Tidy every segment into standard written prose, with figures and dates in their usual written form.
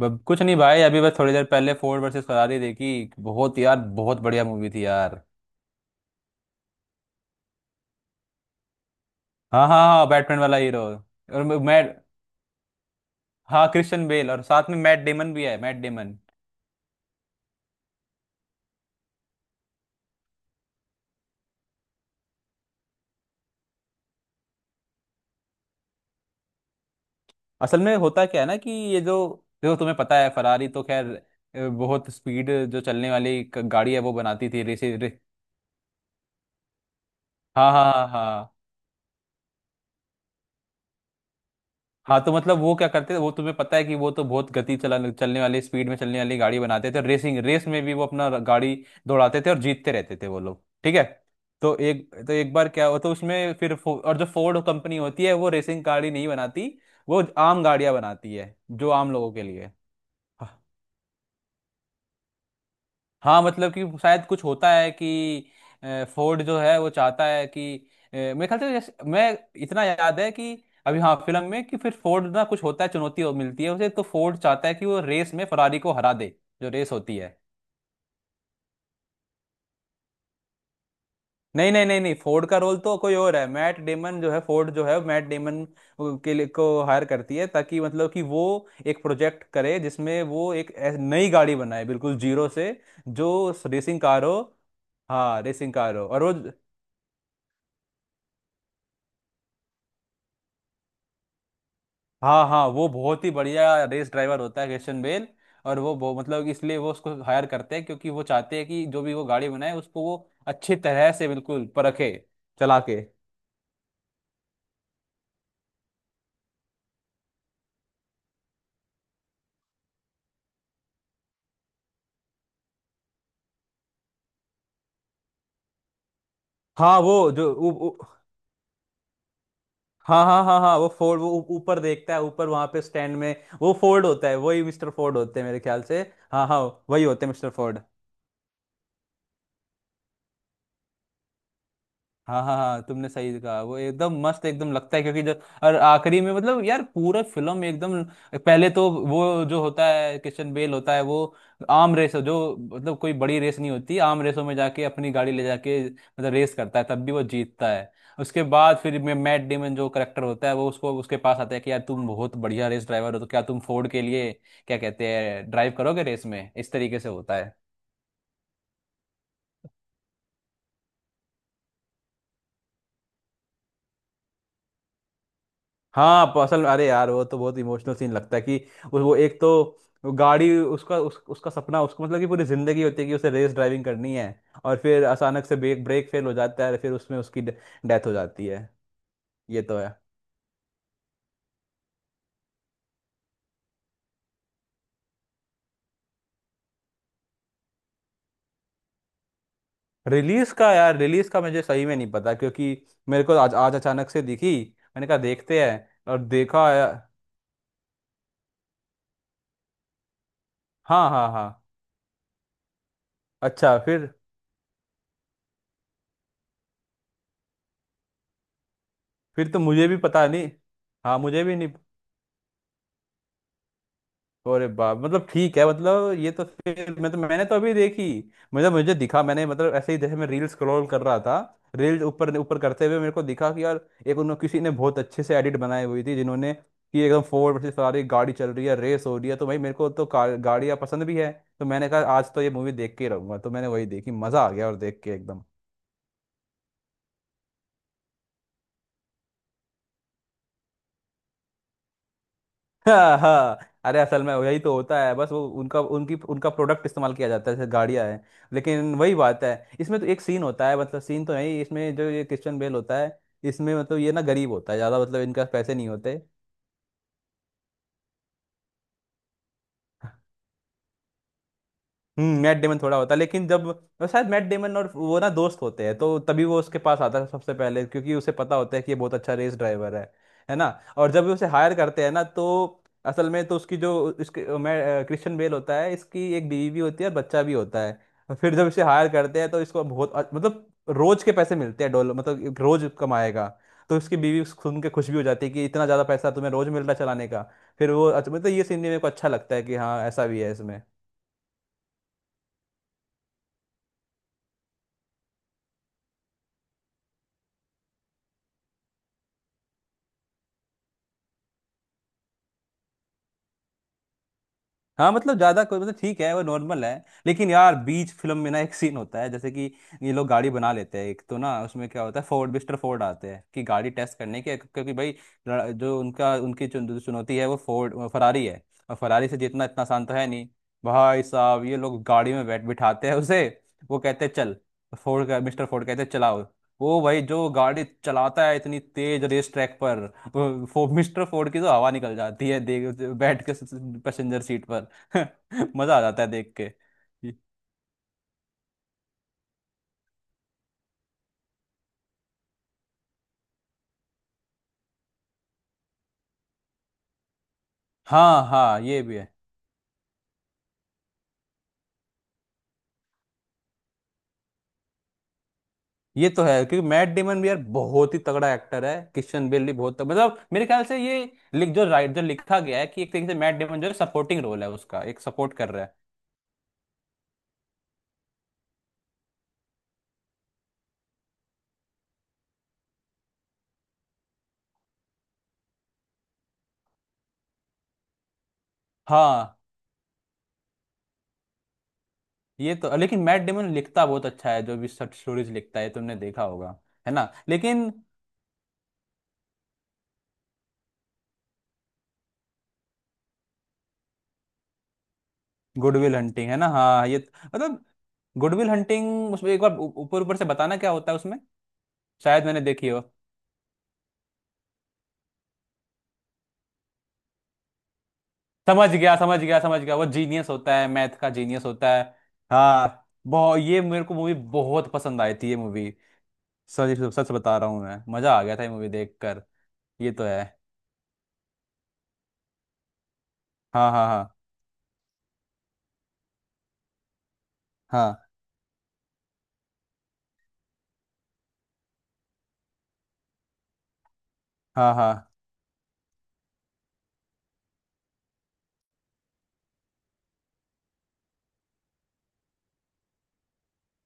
कुछ नहीं भाई। अभी बस थोड़ी देर पहले फोर्ड वर्सेस फरारी देखी। बहुत यार, बहुत बढ़िया मूवी थी यार। हाँ हाँ हाँ, बैटमैन वाला हीरो और मैट। हाँ, क्रिश्चियन बेल, और साथ में मैट डेमन भी है, मैट डेमन। असल में होता क्या है ना कि ये जो जो तुम्हें पता है फरारी तो खैर बहुत स्पीड जो चलने वाली गाड़ी है वो बनाती थी हाँ हाँ हाँ हाँ। हाँ तो मतलब वो क्या करते थे वो तुम्हें पता है कि वो तो बहुत गति चला चलने वाली, स्पीड में चलने वाली गाड़ी बनाते थे, और रेसिंग रेस में भी वो अपना गाड़ी दौड़ाते थे और जीतते रहते थे वो लोग, ठीक है। तो एक बार क्या हुआ तो उसमें फिर और जो फोर्ड कंपनी होती है वो रेसिंग गाड़ी नहीं बनाती। वो आम गाड़ियां बनाती है, जो आम लोगों के लिए। हाँ मतलब कि शायद कुछ होता है कि फोर्ड जो है वो चाहता है कि मेरे ख्याल से, जैसे मैं इतना याद है कि अभी हाँ फिल्म में कि फिर फोर्ड ना कुछ होता है, चुनौती मिलती है उसे, तो फोर्ड चाहता है कि वो रेस में फरारी को हरा दे, जो रेस होती है। नहीं नहीं नहीं नहीं, फोर्ड का रोल तो कोई और है। मैट डेमन जो है, फोर्ड जो है मैट डेमन के लिए को हायर करती है, ताकि मतलब कि वो एक प्रोजेक्ट करे जिसमें वो एक नई गाड़ी बनाए, बिल्कुल जीरो से, जो रेसिंग कार हो। हाँ, रेसिंग कार हो और वो। हाँ हाँ, वो बहुत ही बढ़िया रेस ड्राइवर होता है क्रिश्चियन बेल, और वो मतलब इसलिए वो उसको हायर करते हैं, क्योंकि वो चाहते हैं कि जो भी वो गाड़ी बनाए उसको वो अच्छी तरह से बिल्कुल परखे। चला के। हाँ वो जो उ, उ, हाँ हाँ हाँ हाँ, वो फोर्ड वो ऊपर देखता है, ऊपर वहां पे स्टैंड में, वो फोर्ड होता है, वही मिस्टर फोर्ड होते हैं मेरे ख्याल से। हाँ हाँ, वही होते हैं मिस्टर फोर्ड। हाँ हाँ हाँ, तुमने सही कहा, वो एकदम मस्त एकदम लगता है क्योंकि जो, और आखिरी में मतलब यार पूरा फिल्म एकदम। पहले तो वो जो होता है किशन बेल होता है, वो आर्म रेस जो, मतलब कोई बड़ी रेस नहीं होती, आर्म रेसों में जाके अपनी गाड़ी ले जाके मतलब रेस करता है, तब भी वो जीतता है। उसके बाद फिर मैं मैट डेमन जो करेक्टर होता है वो उसको उसके पास आता है कि यार तुम बहुत बढ़िया रेस ड्राइवर हो, तो क्या तुम फोर्ड के लिए क्या कहते हैं ड्राइव करोगे रेस में, इस तरीके से होता। हाँ असल अरे यार, वो तो बहुत इमोशनल सीन लगता है कि वो एक तो वो गाड़ी उसका उसका सपना उसको मतलब कि पूरी जिंदगी होती है कि उसे रेस ड्राइविंग करनी है, और फिर अचानक से ब्रेक ब्रेक फेल हो जाता है, फिर उसमें उसकी डेथ हो जाती है। ये तो है। रिलीज का यार, रिलीज का मुझे सही में नहीं पता, क्योंकि मेरे को आज आज अचानक से दिखी। मैंने कहा देखते हैं, और देखा यार। हाँ हाँ हाँ। अच्छा फिर तो मुझे भी पता नहीं। हाँ, मुझे भी नहीं। अरे बाप, मतलब ठीक है, मतलब ये तो फिर मैं तो मैंने तो अभी देखी। मतलब मुझे दिखा, मैंने मतलब ऐसे ही, जैसे मैं रील स्क्रॉल कर रहा था, रील ऊपर ऊपर करते हुए मेरे को दिखा कि यार एक उन्होंने किसी ने बहुत अच्छे से एडिट बनाई हुई थी जिन्होंने, कि एकदम फोर्ड वर्सेस फरारी गाड़ी चल रही है, रेस हो रही है, तो भाई मेरे को तो कार गाड़ियाँ पसंद भी है, तो मैंने कहा आज तो ये मूवी देख के ही रहूंगा, तो मैंने वही देखी, मजा आ गया और देख के एकदम। हाँ हाँ। अरे असल में यही तो होता है, बस वो उनका उनकी उनका प्रोडक्ट इस्तेमाल किया जाता है जैसे गाड़ियाँ हैं, लेकिन वही बात है। इसमें तो एक सीन होता है, मतलब सीन तो नहीं, इसमें जो ये क्रिश्चियन बेल होता है, इसमें मतलब ये ना गरीब होता है ज़्यादा, मतलब इनका पैसे नहीं होते। हम्म, मैट डेमन थोड़ा होता है लेकिन जब, और शायद मैट डेमन और वो ना दोस्त होते हैं, तो तभी वो उसके पास आता है सबसे पहले, क्योंकि उसे पता होता है कि ये बहुत अच्छा रेस ड्राइवर है ना। और जब भी उसे हायर करते हैं ना, तो असल में तो उसकी जो उसके मैं क्रिश्चियन बेल होता है, इसकी एक बीवी भी होती है और बच्चा भी होता है। और फिर जब इसे हायर करते हैं तो इसको बहुत मतलब रोज के पैसे मिलते हैं डॉलर, मतलब एक रोज कमाएगा, तो इसकी बीवी सुन के खुश भी हो जाती है कि इतना ज़्यादा पैसा तुम्हें रोज मिल रहा है चलाने का, फिर वो अच्छा, मतलब ये सीन भी मेरे को अच्छा लगता है कि हाँ ऐसा भी है इसमें। हाँ मतलब ज्यादा कोई मतलब ठीक है, वो नॉर्मल है, लेकिन यार बीच फिल्म में ना एक सीन होता है, जैसे कि ये लोग गाड़ी बना लेते हैं एक तो, ना उसमें क्या होता है, फोर्ड मिस्टर फोर्ड आते हैं कि गाड़ी टेस्ट करने के, क्योंकि भाई जो उनका उनकी जो चुनौती है वो फोर्ड फरारी है, और फरारी से जीतना इतना आसान तो है नहीं। भाई साहब, ये लोग गाड़ी में बैठ बिठाते हैं उसे, वो कहते हैं चल, फोर्ड का मिस्टर फोर्ड कहते हैं चलाओ, वो भाई जो गाड़ी चलाता है इतनी तेज रेस ट्रैक पर, मिस्टर फोर्ड की तो हवा निकल जाती है देख, बैठ के, पैसेंजर सीट पर। मजा आ जाता है देख के। ये- हाँ हाँ, ये भी है। ये तो है, क्योंकि मैट डेमन भी यार बहुत ही तगड़ा एक्टर है, किशन बेल भी बहुत तगड़ा, मतलब मेरे ख्याल से ये लिख जो राइट जो लिखा गया है कि एक तरीके से मैट डेमन जो है सपोर्टिंग रोल है उसका, एक सपोर्ट कर रहा है। हाँ ये तो, लेकिन मैट डेमन लिखता बहुत अच्छा है, जो भी शॉर्ट स्टोरीज लिखता है, तुमने देखा होगा, है ना, लेकिन। गुडविल हंटिंग, है ना, हाँ ये तो मतलब। गुडविल हंटिंग उसमें एक बार ऊपर ऊपर से बताना क्या होता है उसमें, शायद मैंने देखी हो। समझ गया समझ गया समझ गया, वो जीनियस होता है, मैथ का जीनियस होता है। हाँ। बहुत ये मेरे को मूवी बहुत पसंद आई थी ये मूवी, सच सच बता रहा हूँ मैं, मजा आ गया था ये मूवी देखकर। ये तो है। हाँ हाँ हाँ हाँ हाँ हाँ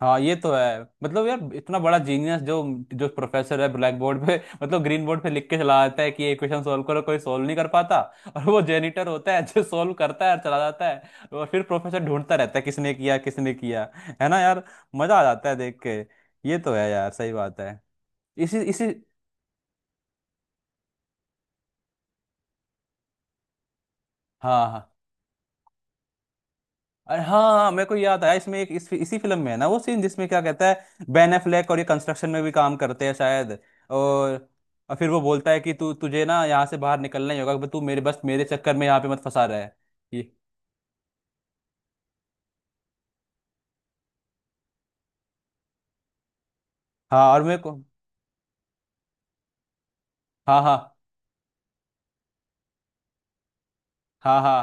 हाँ। ये तो है, मतलब यार इतना बड़ा जीनियस, जो जो प्रोफेसर है ब्लैक बोर्ड पे मतलब ग्रीन बोर्ड पे लिख के चला जाता है कि ये इक्वेशन सोल्व करो, कोई सोल्व नहीं कर पाता और वो जेनिटर होता है जो सोल्व करता है और चला जाता है, और फिर प्रोफेसर ढूंढता रहता है किसने किया किसने किया, है ना यार। मजा आ जाता है देख के। ये तो है यार, सही बात है। इसी इसी। हाँ हाँ। अरे हाँ हाँ, मेरे को याद आया इसमें एक इसी फिल्म में है ना वो सीन जिसमें क्या कहता है बेन एफ्लेक, और ये कंस्ट्रक्शन में भी काम करते हैं शायद, और, और फिर वो बोलता है कि तू तुझे ना यहाँ से बाहर निकलना ही होगा, तू मेरे बस मेरे चक्कर में यहाँ पे मत फंसा रहा है, ये। हाँ और मेरे को। हाँ हाँ हाँ हाँ।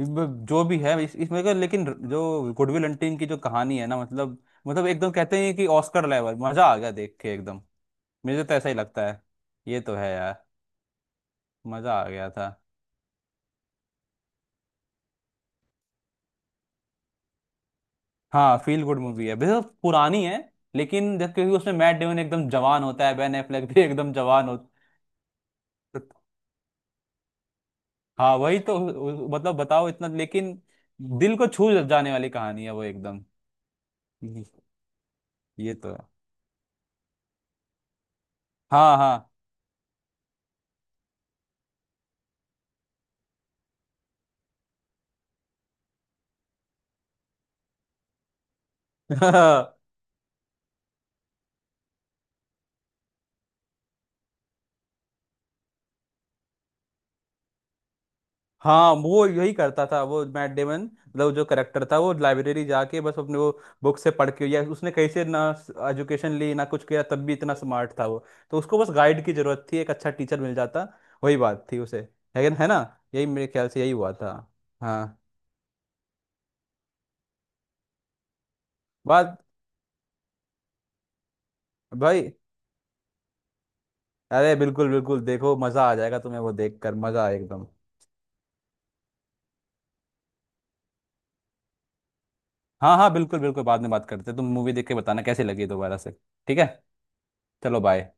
जो भी है इसमें का, लेकिन जो गुडविल हंटिंग की जो कहानी है ना, मतलब मतलब एकदम कहते हैं कि ऑस्कर लेवल, मजा आ गया देख के एकदम। मुझे तो ऐसा ही लगता है। ये तो है यार। मजा आ गया था। हाँ फील गुड मूवी है, वैसे तो पुरानी है, लेकिन जब क्योंकि उसमें मैट डेमन एकदम जवान होता है, बेन एफ्लेक भी एकदम जवान होता है। हाँ वही तो। मतलब बताओ इतना, लेकिन दिल को छू जाने वाली कहानी है वो एकदम। ये तो है। हाँ हाँ। हाँ वो यही करता था, वो मैट डेमन मतलब जो करेक्टर था वो लाइब्रेरी जाके बस अपने वो बुक से पढ़ के, या उसने कहीं से ना एजुकेशन ली ना कुछ किया, तब भी इतना स्मार्ट था वो, तो उसको बस गाइड की जरूरत थी, एक अच्छा टीचर मिल जाता, वही बात थी उसे, लेकिन है ना, यही मेरे ख्याल से यही हुआ था। हाँ। बात। भाई। अरे बिल्कुल बिल्कुल, देखो मजा आ जाएगा तुम्हें, वो देख कर मजा आए एकदम। हाँ हाँ बिल्कुल बिल्कुल, बाद में बात करते हैं। तुम मूवी देख के बताना कैसी लगी दोबारा से। ठीक है, चलो बाय।